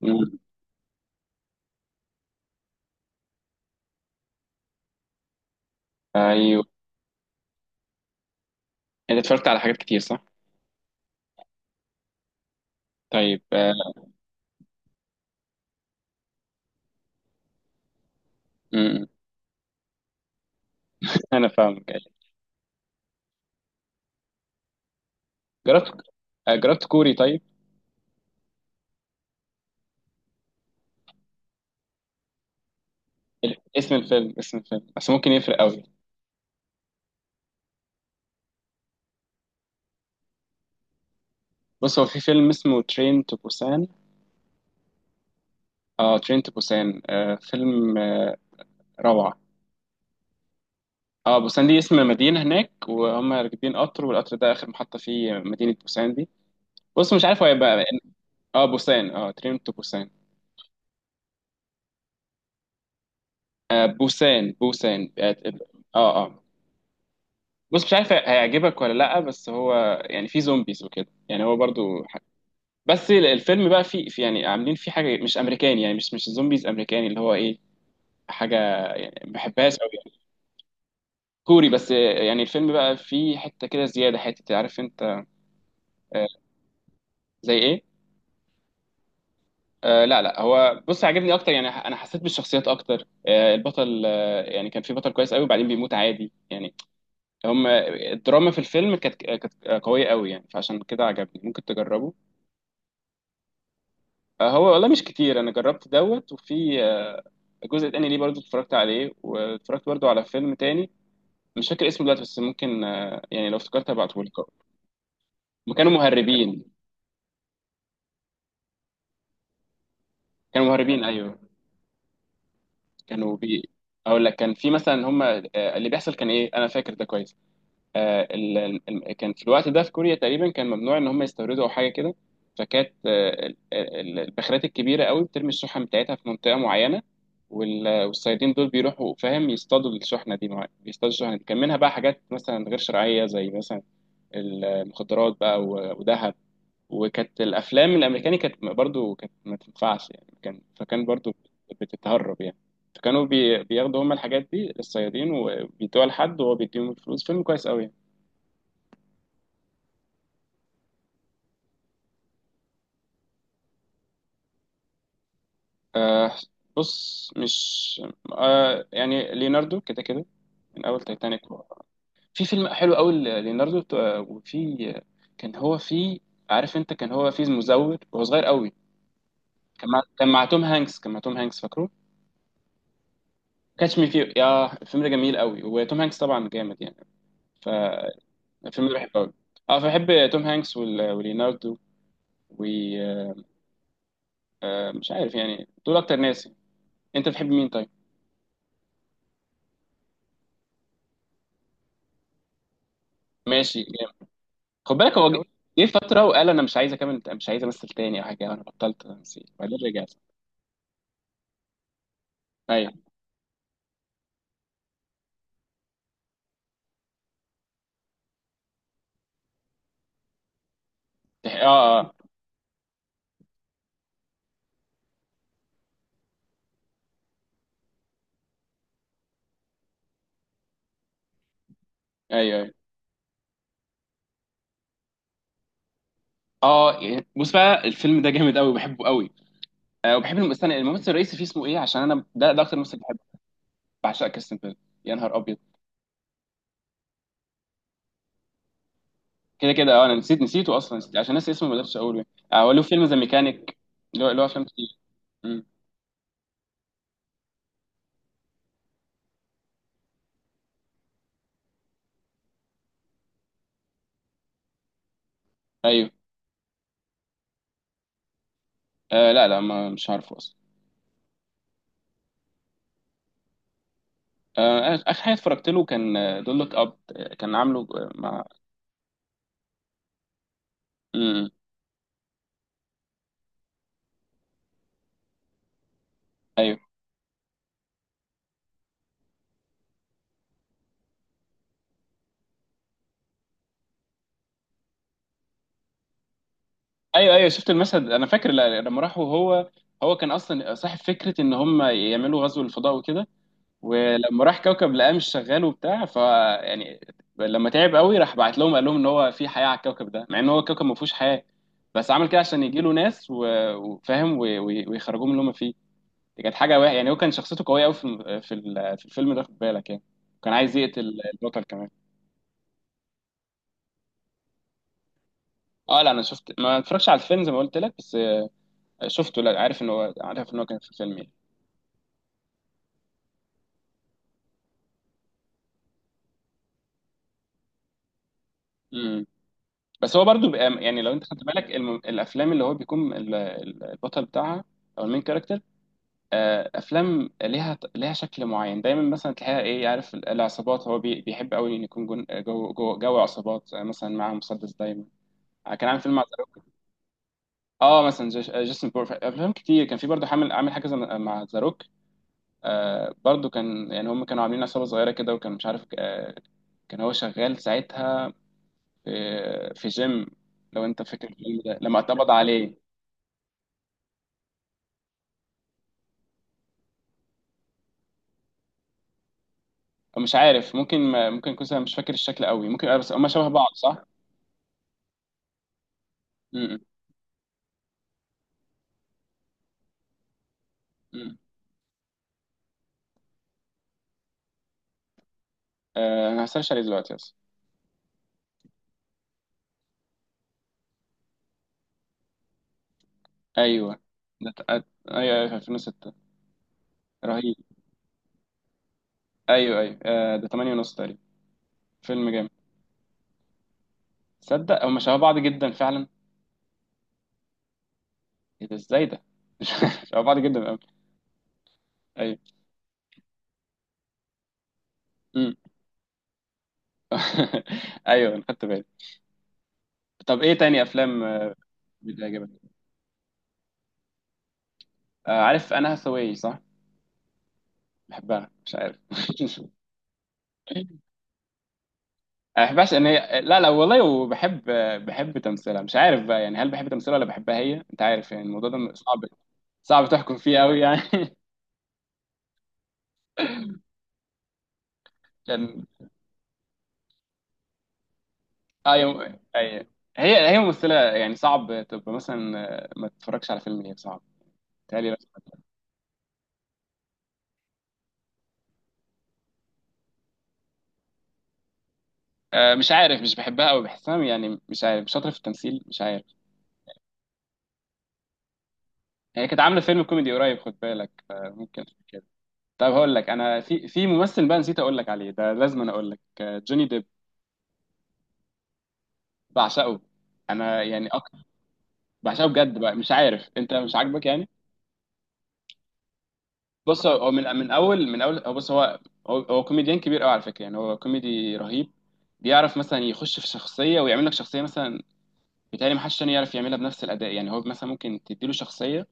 مم. ايوه، انت اتفرجت على حاجات كتير صح؟ طيب. مم. انا فاهمك أيوة. جربت جربت كوري طيب. اسم الفيلم بس ممكن يفرق قوي. بص، هو في فيلم اسمه ترين تو بوسان. اه ترين تو بوسان، فيلم روعة. اه، بوسان دي اسم مدينة هناك، وهم راكبين قطر، والقطر ده آخر محطة فيه مدينة بوسان دي. بص مش عارف هو هيبقى. اه بوسان، اه ترين تو بوسان. بوسان اه. اه بص، مش عارف هيعجبك ولا لا، بس هو يعني في زومبيز وكده. يعني هو برضو بس الفيلم بقى في يعني عاملين فيه حاجه مش امريكاني، يعني مش زومبيز امريكاني، اللي هو ايه، حاجه، يعني ما بحبهاش قوي يعني. كوري، بس يعني الفيلم بقى فيه حته كده زياده، حته عارف انت. آه، زي ايه؟ لا لا، هو بص عجبني اكتر، يعني انا حسيت بالشخصيات اكتر. البطل، يعني كان في بطل كويس قوي وبعدين بيموت عادي يعني. هم الدراما في الفيلم كانت قويه قوي يعني، فعشان كده عجبني، ممكن تجربه. هو والله مش كتير. انا جربت دوت، وفي آه، جزء تاني ليه برضو اتفرجت عليه، واتفرجت برضو على فيلم تاني مش فاكر اسمه دلوقتي، بس ممكن يعني لو افتكرت هبعتهولك. هما كانوا مهربين. كانوا مهربين، ايوه. كانوا اقول لك. كان في مثلا هما، اللي بيحصل كان ايه، انا فاكر ده كويس. آه، ال- كان في الوقت ده في كوريا تقريبا كان ممنوع ان هم يستوردوا او حاجه كده. فكانت البخارات الكبيره قوي بترمي الشحن بتاعتها في منطقه معينه، والصيادين دول بيروحوا فاهم يصطادوا الشحنه دي. بيصطادوا الشحنه دي، كان منها بقى حاجات مثلا غير شرعيه، زي مثلا المخدرات بقى وذهب. وكانت الافلام الامريكاني كانت برضو، كانت ما تنفعش يعني. كان، فكان برضو بتتهرب يعني. فكانوا بياخدوا هم الحاجات دي للصيادين، وبيدوها لحد، وهو بيديهم الفلوس. فيلم كويس قوي يعني. آه، بص مش. يعني ليوناردو كده كده، من اول تايتانيك. في فيلم حلو قوي، ليوناردو. آه، وفي كان هو في، عارف انت، كان هو في مزور وهو صغير قوي. كان مع توم هانكس، فاكره كاتش مي فيه. يا الفيلم ده جميل قوي، وتوم هانكس طبعا جامد يعني. فالفيلم ده بحبه قوي. اه فبحب توم هانكس وليوناردو. ومش عارف يعني، دول اكتر ناس. انت بتحب مين طيب؟ ماشي. خد بالك هو جه فتره وقال انا مش عايز اكمل، مش عايز امثل تاني او حاجه. انا بطلت تمثيل، بعدين رجعت. ايوه. اه ايوه ايوه. اه يعني بص بقى، الفيلم ده جامد قوي وبحبه قوي. آه، وبحب استنى، الممثل الرئيسي فيه اسمه ايه؟ عشان انا ده اكتر ممثل بحبه. بعشق كريستيان بيل. يا نهار ابيض. كده كده، اه، انا نسيت، نسيته اصلا، نسيت. عشان ناسي اسمه ما قدرتش اقوله. آه هو له فيلم ذا ميكانيك. له افلام كتير. مم. ايوه. آه لا لا، ما مش عارفه اصلا. آه، اخر حاجه اتفرجت له كان دول لوك اب. كان عامله مع. مم. ايوه ايوه. ايوه شفت المشهد، انا فاكر لما راحوا، هو كان اصلا صاحب فكره ان هم يعملوا غزو للفضاء وكده. ولما راح كوكب لقاه مش شغال وبتاع، ف يعني لما تعب قوي، راح بعت لهم قال لهم ان هو في حياه على الكوكب ده، مع ان هو الكوكب ما فيهوش حياه. بس عمل كده عشان يجي له ناس وفاهم ويخرجوه من اللي هم فيه. دي كانت حاجه واحده يعني. هو كان شخصيته قويه قوي في في الفيلم ده، خد بالك يعني. كان عايز يقتل البطل كمان. اه لا، انا شفت ما اتفرجش على الفيلم زي ما قلت لك، بس شفته. لا عارف ان هو، عارف ان هو كان في فيلم يعني. مم. بس هو برضو بقى، يعني لو انت خدت بالك الم... الافلام اللي هو بيكون البطل بتاعها، او المين كاركتر. افلام ليها ليها شكل معين دايما، مثلا تلاقيها ايه، عارف العصابات. هو بي... بيحب قوي ان يكون جون... جو... جو... جو عصابات. مثلا معاه مسدس دايما. كان عامل فيلم مع زاروك. اه مثلا جيش... جيسون بور. افلام كتير كان في برضو، عامل عامل حاجه مع زاروك. آه برضو كان يعني هم كانوا عاملين عصابه صغيره كده، وكان مش عارف آه. كان هو شغال ساعتها في في جيم، لو انت فاكر الفيلم ده لما اتقبض عليه. مش عارف، ممكن، ما ممكن يكون، أنا مش فاكر الشكل قوي. ممكن بس هما شبه بعض صح؟ امم. امم. آه، انا هسيرش عليه دلوقتي بس. ايوه. ده ت- آه، ايوه ايوه، في 2006. رهيب. ايوه ايوه، ده 8 ونص تقريبا. فيلم جامد. تصدق هما شبه بعض جدا فعلا؟ ايه ده، ازاي ده؟ شبه بعض جدا قوي. ايوه. امم. ايوه انا خدت بالي. طب ايه تاني افلام بتعجبك؟ عارف انا هاثاواي صح؟ بحبها مش عارف. انا ما بحبهاش ان هي، لا لا والله. وبحب، بحب تمثيلها. مش عارف بقى يعني، هل بحب تمثيلها ولا بحبها هي، انت عارف يعني؟ الموضوع ده صعب، صعب تحكم فيه قوي يعني. لان، اه، يوم... أي... هي هي ممثله يعني، صعب تبقى مثلا ما تتفرجش على فيلم هي، صعب تهيألي. مش عارف، مش بحبها قوي، بحسها يعني مش عارف، مش شاطره في التمثيل، مش عارف. هي كانت عامله فيلم كوميدي قريب خد بالك، فممكن عشان كده. طب هقول لك، انا في في ممثل بقى نسيت اقول لك عليه، ده لازم أنا اقول لك، جوني ديب. بعشقه انا يعني. بحسها بجد بقى، مش عارف انت، مش عاجبك يعني؟ بص هو من اول، من اول، هو بص هو، هو كوميديان كبير قوي على فكره يعني. هو كوميدي رهيب. بيعرف مثلا يخش في شخصيه ويعمل لك شخصيه مثلا، بيتهيألي محدش تاني يعرف يعملها بنفس الاداء يعني. هو مثلا ممكن تديله شخصيه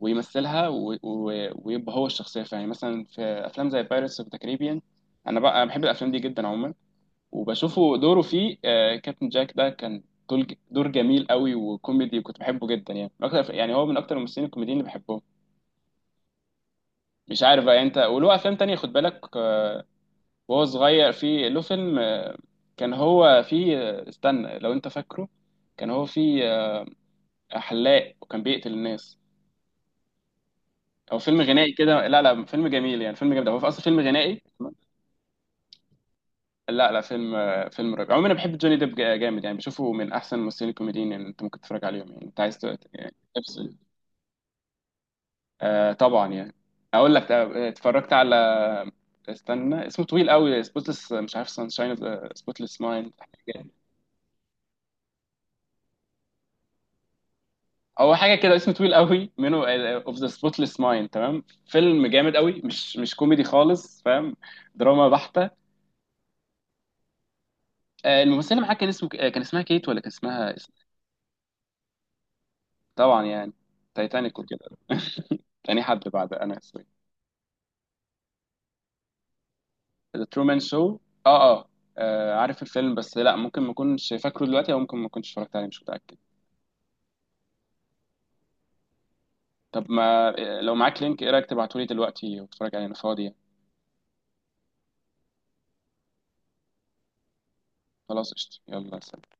ويمثلها ويبقى هو الشخصيه فيها يعني. مثلا في افلام زي بايرتس اوف ذا كاريبيان. انا بقى، أنا بحب الافلام دي جدا عموما. وبشوفه دوره فيه كابتن جاك، ده كان دور، دور جميل قوي وكوميدي، وكنت بحبه جدا يعني. من اكتر، يعني هو من اكتر الممثلين الكوميديين اللي بحبهم. مش عارف بقى انت. وله افلام تانية خد بالك. وهو صغير، في له فيلم كان هو فيه استنى لو انت فاكره. كان هو فيه حلاق وكان بيقتل الناس. هو فيلم غنائي كده. لا لا، فيلم جميل يعني، فيلم جامد، هو في اصلا فيلم غنائي. لا لا، فيلم فيلم رائع عموما. انا بحب جوني ديب جامد يعني. بشوفه من احسن الممثلين الكوميديين، يعني انت ممكن تتفرج عليهم. يعني انت عايز يعني. آه طبعا يعني. اقول لك اتفرجت على، استنى، اسمه طويل قوي. سبوتلess مش عارف، سانشاين اوف سبوتلess مايند. هو حاجه كده اسمه طويل قوي منه. اوف ذا سبوتلess مايند، تمام. فيلم جامد قوي. مش كوميدي خالص فاهم، دراما بحته. الممثله معاه كان اسمه كان اسمها كيت، ولا كان اسمها طبعا يعني، تايتانيك وكده. تاني حد بعد انا، سوري. ذا ترومان شو. اه اه. عارف الفيلم، بس لا ممكن ما اكونش فاكره دلوقتي او ممكن ما كنتش اتفرجت عليه، مش متاكد. طب ما، لو معاك لينك، ايه رايك تبعتولي دلوقتي واتفرج عليه انا فاضي. خلاص قشطة، يلا سلام.